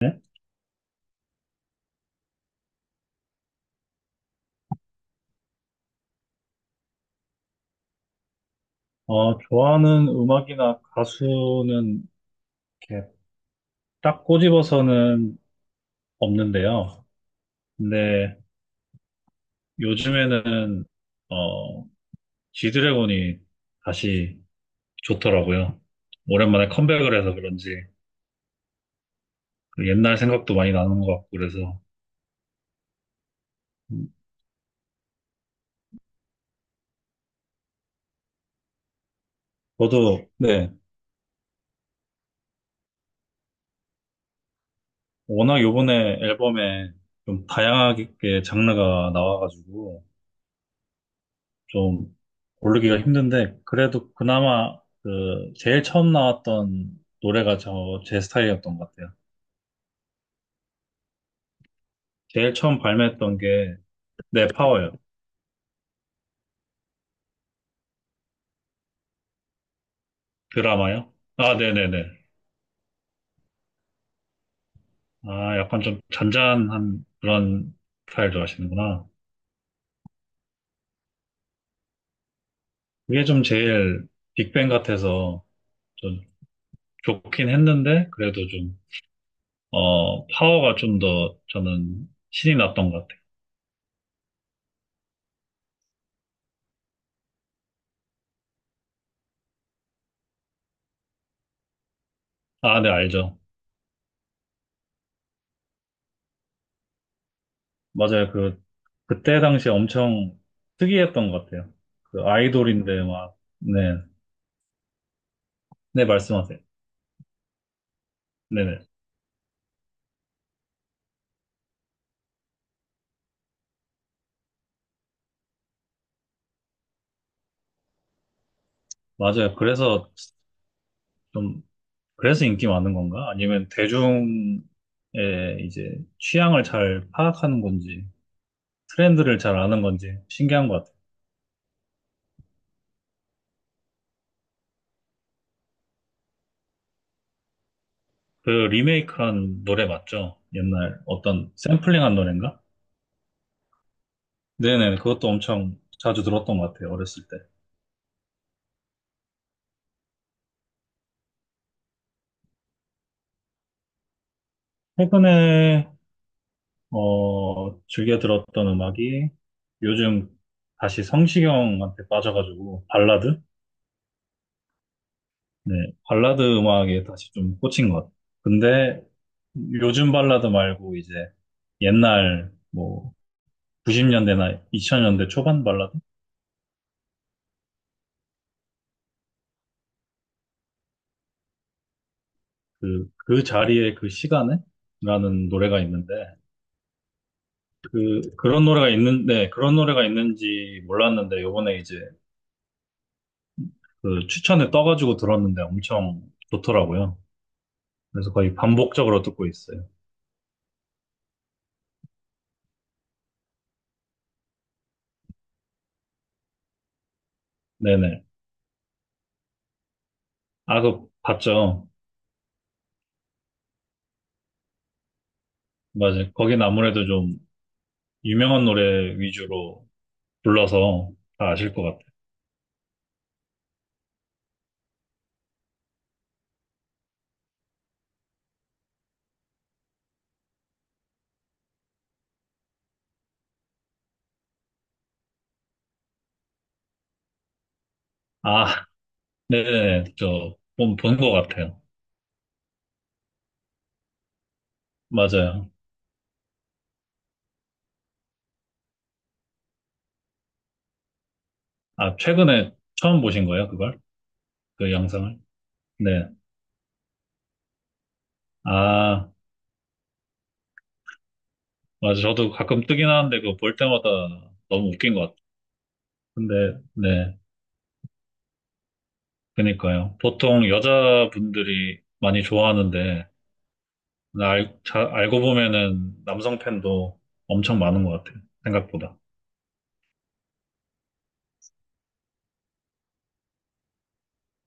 네? 좋아하는 음악이나 가수는 이렇게 딱 꼬집어서는 없는데요. 근데 요즘에는, 어, 지드래곤이 다시 좋더라고요. 오랜만에 컴백을 해서 그런지 그 옛날 생각도 많이 나는 것 같고 그래서. 음, 저도, 네, 워낙 요번에 앨범에 좀 다양하게 장르가 나와가지고 좀 고르기가 힘든데 그래도 그나마 그 제일 처음 나왔던 노래가 저 제 스타일이었던 것 같아요. 제일 처음 발매했던 게 네, 파워요. 드라마요? 아, 네네네. 아, 약간 좀 잔잔한 그런 스타일 좋아하시는구나. 그게 좀 제일 빅뱅 같아서 좀 좋긴 했는데 그래도 좀 파워가 좀 더 저는 신이 났던 것 같아요. 아, 네, 알죠. 맞아요. 그때 당시 엄청 특이했던 것 같아요. 그 아이돌인데 막, 네. 네, 말씀하세요. 네네. 맞아요. 좀, 그래서 인기 많은 건가? 아니면 대중의 이제 취향을 잘 파악하는 건지, 트렌드를 잘 아는 건지 신기한 것 같아요. 그 리메이크한 노래 맞죠? 옛날 어떤 샘플링한 노래인가? 네네. 그것도 엄청 자주 들었던 것 같아요. 어렸을 때. 최근에 즐겨 들었던 음악이 요즘 다시 성시경한테 빠져가지고 발라드? 네, 발라드 음악에 다시 좀 꽂힌 것 같아요. 근데 요즘 발라드 말고 이제 옛날 뭐 90년대나 2000년대 초반 발라드? 그 자리에 그 시간에? 라는 노래가 있는데 그런 노래가 있는지 몰랐는데 요번에 이제 그 추천에 떠가지고 들었는데 엄청 좋더라고요. 그래서 거의 반복적으로 듣고 있어요. 네네. 아, 그, 봤죠? 맞아요. 거긴 아무래도 좀 유명한 노래 위주로 불러서 다 아실 것 같아요. 아, 네네. 저, 본것 같아요. 맞아요. 아, 최근에 처음 보신 거예요, 그걸? 그 영상을? 네. 아, 맞아. 저도 가끔 뜨긴 하는데 그거 볼 때마다 너무 웃긴 것 같아요. 근데, 네. 그니까요. 보통 여자분들이 많이 좋아하는데, 근데 알고 보면은 남성 팬도 엄청 많은 것 같아요. 생각보다.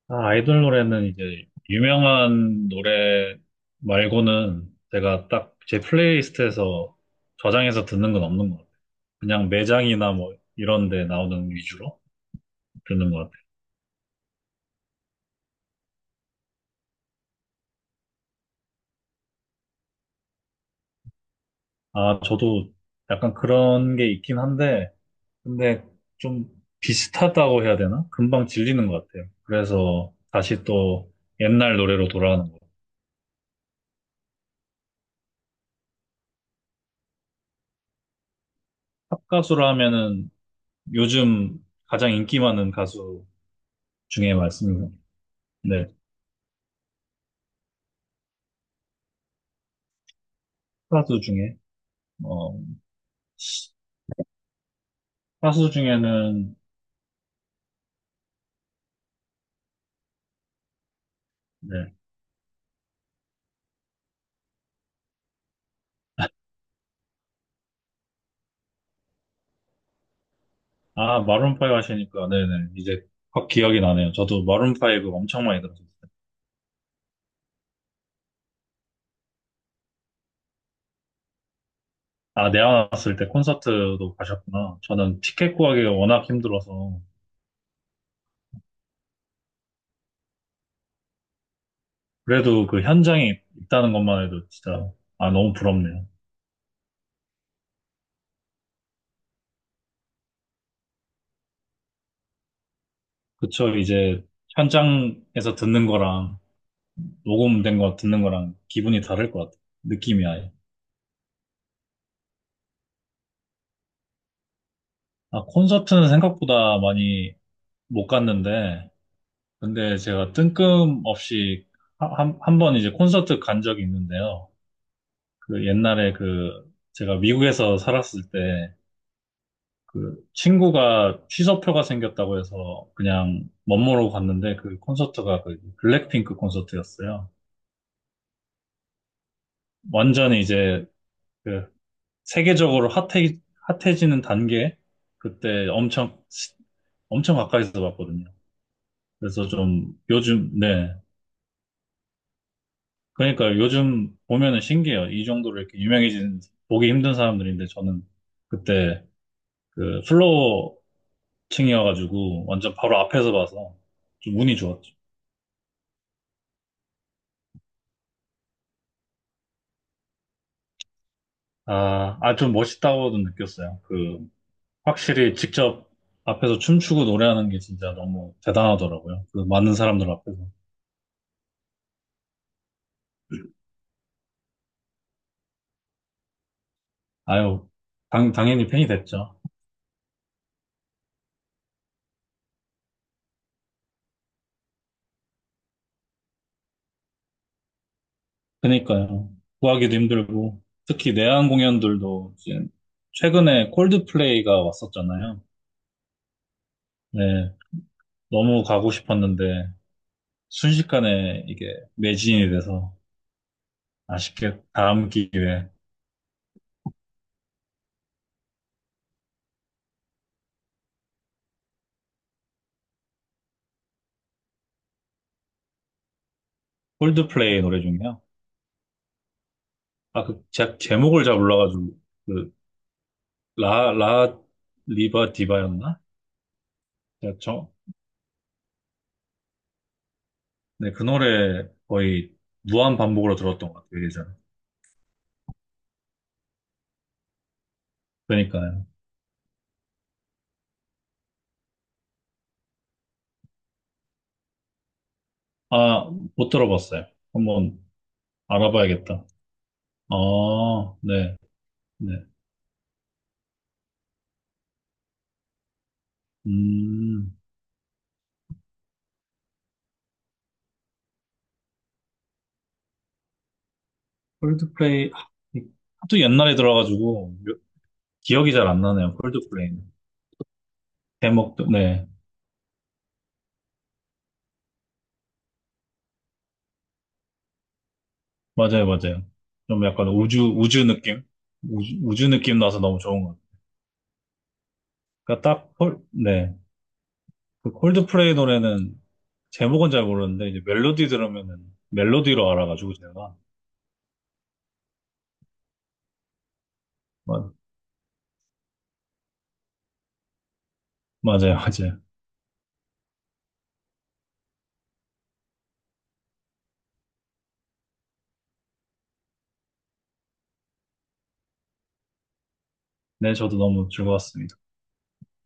아, 아이돌 노래는 이제 유명한 노래 말고는 제가 딱 제 플레이리스트에서 저장해서 듣는 건 없는 것 같아요. 그냥 매장이나 뭐 이런 데 나오는 위주로 듣는 것 같아요. 아, 저도 약간 그런 게 있긴 한데, 근데 좀 비슷하다고 해야 되나? 금방 질리는 것 같아요. 그래서 다시 또 옛날 노래로 돌아가는 것 같아요. 팝 가수라 하면은 요즘 가장 인기 많은 가수 중에 말씀이고, 네, 가수 중에, 어, 가수 중에는, 네, 아, 마룬파이브 하시니까, 네네, 이제 확 기억이 나네요. 저도 마룬파이브 엄청 많이 들었어요. 아, 내가 왔을 때 콘서트도 가셨구나. 저는 티켓 구하기가 워낙 힘들어서, 그래도 그 현장에 있다는 것만 해도 진짜, 아, 너무 부럽네요. 그쵸, 이제 현장에서 듣는 거랑, 녹음된 거 듣는 거랑 기분이 다를 것 같아요. 느낌이 아예. 아, 콘서트는 생각보다 많이 못 갔는데, 근데 제가 뜬금없이 한 번 이제 콘서트 간 적이 있는데요. 그 옛날에 그 제가 미국에서 살았을 때 그 친구가 취소표가 생겼다고 해서 그냥 멋모르고 갔는데 그 콘서트가 그 블랙핑크 콘서트였어요. 완전히 이제 그 세계적으로 핫해지는 단계 그때 엄청 엄청 가까이서 봤거든요. 그래서 좀 요즘, 네. 그러니까 요즘 보면은 신기해요. 이 정도로 이렇게 유명해진, 보기 힘든 사람들인데 저는 그때 그 플로어 층이어가지고 완전 바로 앞에서 봐서 좀 운이 좋았죠. 아, 아, 좀 멋있다고도 느꼈어요. 그, 확실히 직접 앞에서 춤추고 노래하는 게 진짜 너무 대단하더라고요. 그 많은 사람들 앞에서. 아유, 당연히 팬이 됐죠. 그니까요. 구하기도 힘들고, 특히 내한 공연들도 이제 최근에 콜드플레이가 왔었잖아요. 네, 너무 가고 싶었는데 순식간에 이게 매진이 돼서 아쉽게 다음 기회에 콜드플레이 노래 중에요. 아, 그 제목을 잘 몰라가지고 그 라, 라 리바 디바였나? 제가 저, 네, 그 노래 거의 무한 반복으로 들었던 것 같아요, 예전에. 그러니까요. 아, 못 들어봤어요. 한번 알아봐야겠다. 아, 네, 네. 음, 콜드플레이. 하, 이- 하도 옛날에 들어가지고 기억이 잘 안 나네요. 콜드플레이는. 제목도, 네. 맞아요, 맞아요. 좀 약간 우주, 우주 느낌? 우주, 우주 느낌 나서 너무 좋은 것 같아요. 그러니까 딱, 네. 그 콜드플레이 노래는 제목은 잘 모르는데, 이제 멜로디 들으면은 멜로디로 알아가지고 제가. 맞, 맞아요, 맞아요. 네, 저도 너무 즐거웠습니다.